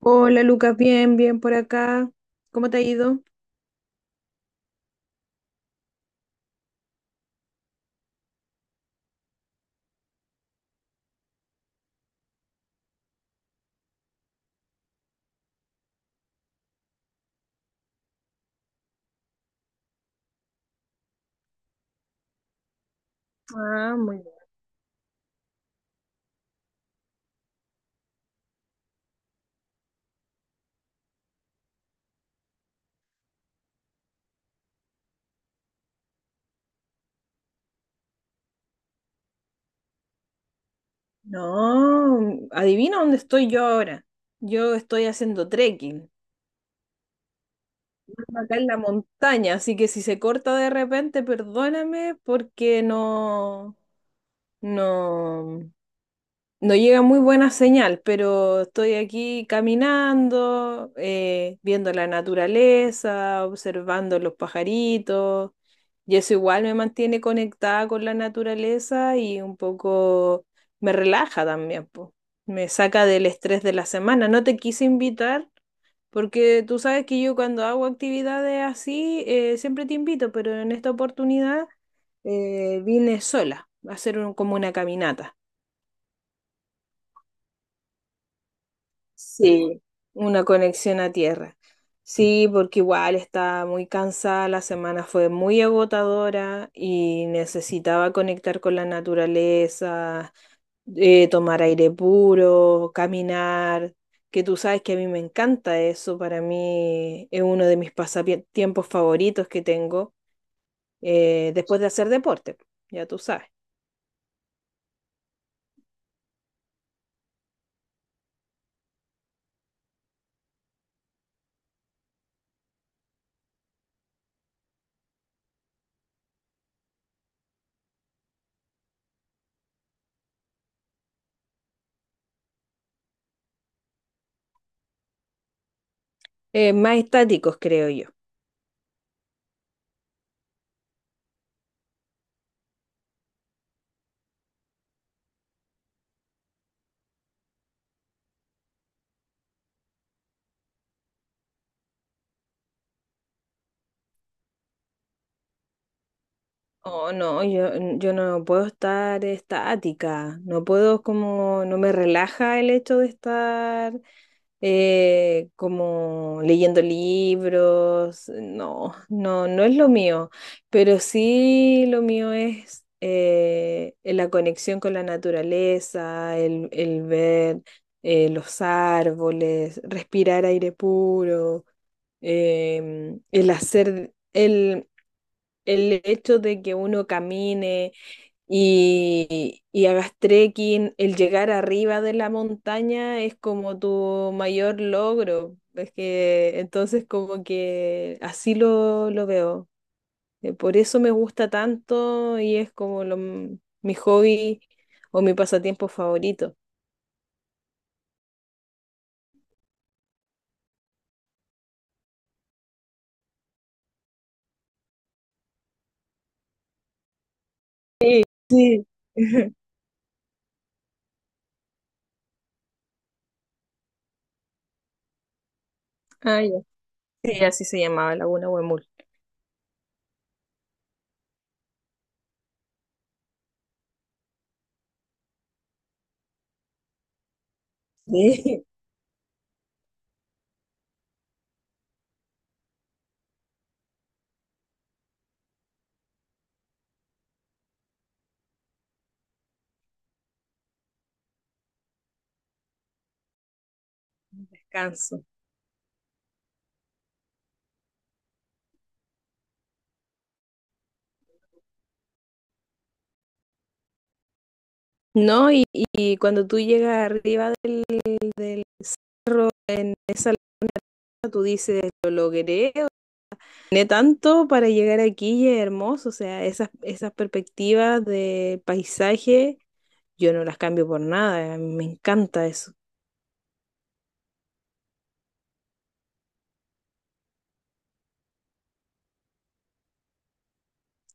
Hola Lucas, bien, bien por acá. ¿Cómo te ha ido? Ah, muy bien. No, adivina dónde estoy yo ahora. Yo estoy haciendo trekking. Ando acá en la montaña, así que si se corta de repente, perdóname porque no, no. No llega muy buena señal, pero estoy aquí caminando, viendo la naturaleza, observando los pajaritos, y eso igual me mantiene conectada con la naturaleza y un poco me relaja también, po. Me saca del estrés de la semana. No te quise invitar porque tú sabes que yo cuando hago actividades así, siempre te invito, pero en esta oportunidad, vine sola a hacer como una caminata. Sí, una conexión a tierra. Sí, porque igual estaba muy cansada, la semana fue muy agotadora y necesitaba conectar con la naturaleza, tomar aire puro, caminar, que tú sabes que a mí me encanta eso, para mí es uno de mis pasatiempos favoritos que tengo después de hacer deporte, ya tú sabes. Más estáticos, creo yo. Oh, no, yo no puedo estar estática, no puedo como, no me relaja el hecho de estar como leyendo libros, no, no, no es lo mío, pero sí lo mío es la conexión con la naturaleza, el ver los árboles, respirar aire puro, em, el hacer... El, el hecho de que uno camine y hagas trekking, el llegar arriba de la montaña es como tu mayor logro. Es que entonces como que así lo veo. Por eso me gusta tanto y es como mi hobby o mi pasatiempo favorito. Sí. Ah, ya. Sí, así se llamaba Laguna Huemul. Sí. Descanso. No, y cuando tú llegas arriba de esa tú dices, lo logré, gané tanto para llegar aquí y es hermoso, o sea, esas perspectivas de paisaje, yo no las cambio por nada, a mí me encanta eso.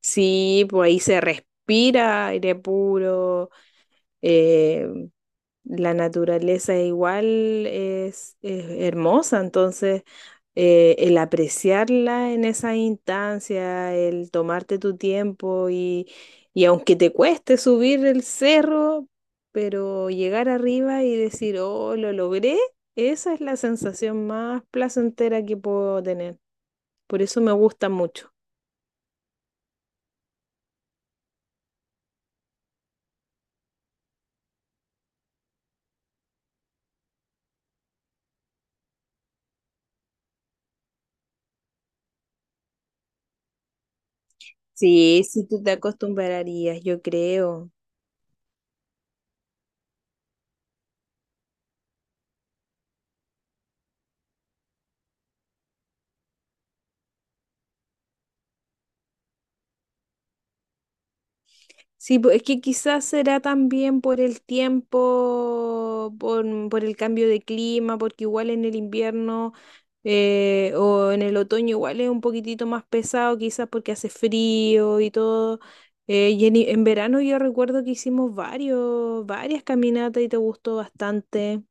Sí, pues ahí se respira aire puro, eh, la naturaleza igual es hermosa, entonces el apreciarla en esa instancia, el tomarte tu tiempo y, aunque te cueste subir el cerro, pero llegar arriba y decir, oh, lo logré, esa es la sensación más placentera que puedo tener. Por eso me gusta mucho. Sí, sí, tú te acostumbrarías, yo creo. Sí, pues, es que quizás será también por el tiempo, por el cambio de clima, porque igual en el invierno o en el otoño igual es un poquitito más pesado, quizás porque hace frío y todo. Y en verano yo recuerdo que hicimos varias caminatas y te gustó bastante.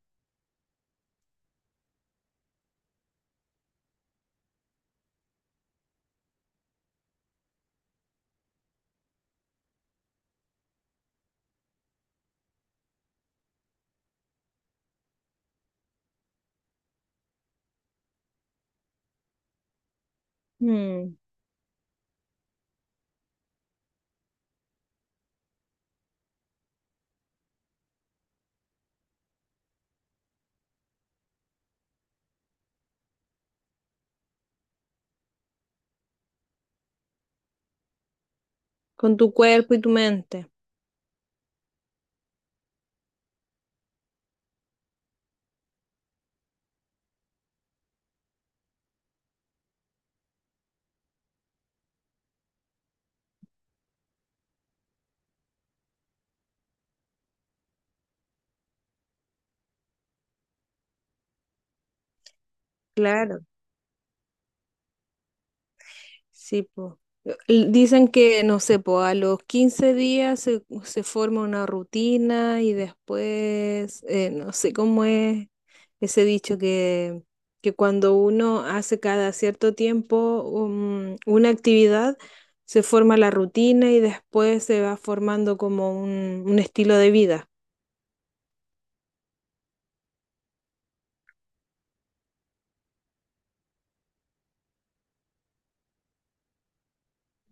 Mm. Con tu cuerpo y tu mente. Claro. Sí, po. Dicen que, no sé, po, a los 15 días se forma una rutina y después, no sé cómo es ese dicho que, cuando uno hace cada cierto tiempo una actividad, se forma la rutina y después se va formando como un estilo de vida.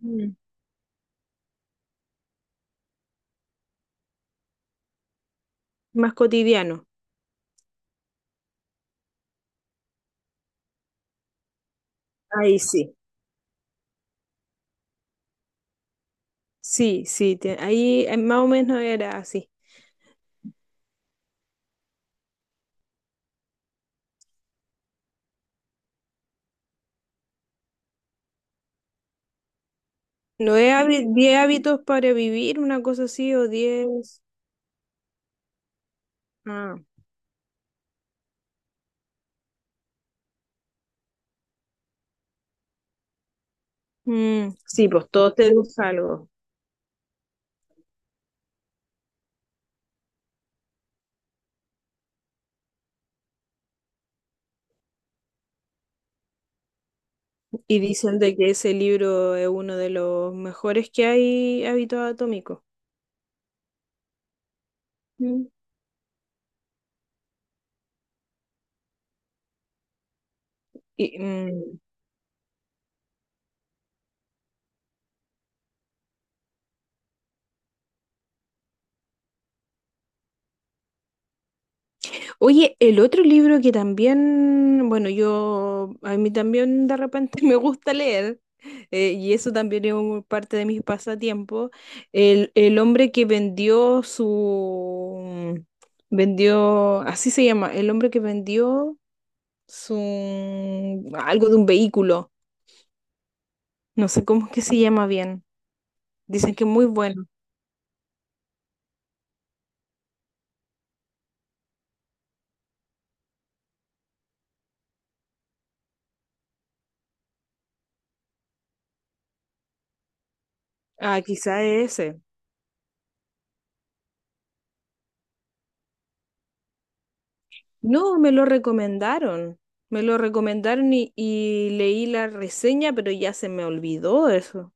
Mm. Más cotidiano. Ahí sí. Sí, sí, ahí más o menos era así. No es 10 hábitos para vivir, una cosa así, o 10. Ah, mm, sí, pues todos tenemos algo. Y dicen de que ese libro es uno de los mejores que hay, hábitos atómicos. Mm. Y, mm. Oye, el otro libro que también, bueno, yo, a mí también de repente me gusta leer, y eso también es parte de mis pasatiempos, el hombre que vendió su, vendió, así se llama, el hombre que vendió su, algo de un vehículo, no sé cómo es que se llama bien, dicen que es muy bueno, ah, quizá es ese. No, me lo recomendaron. Me lo recomendaron y leí la reseña, pero ya se me olvidó eso.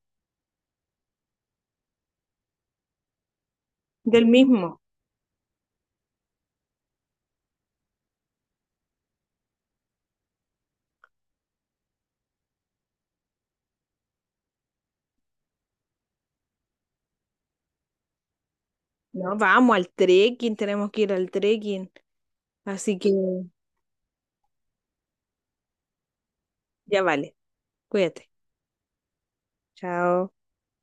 Del mismo. No, vamos al trekking, tenemos que ir al trekking. Así que ya vale. Cuídate. Chao.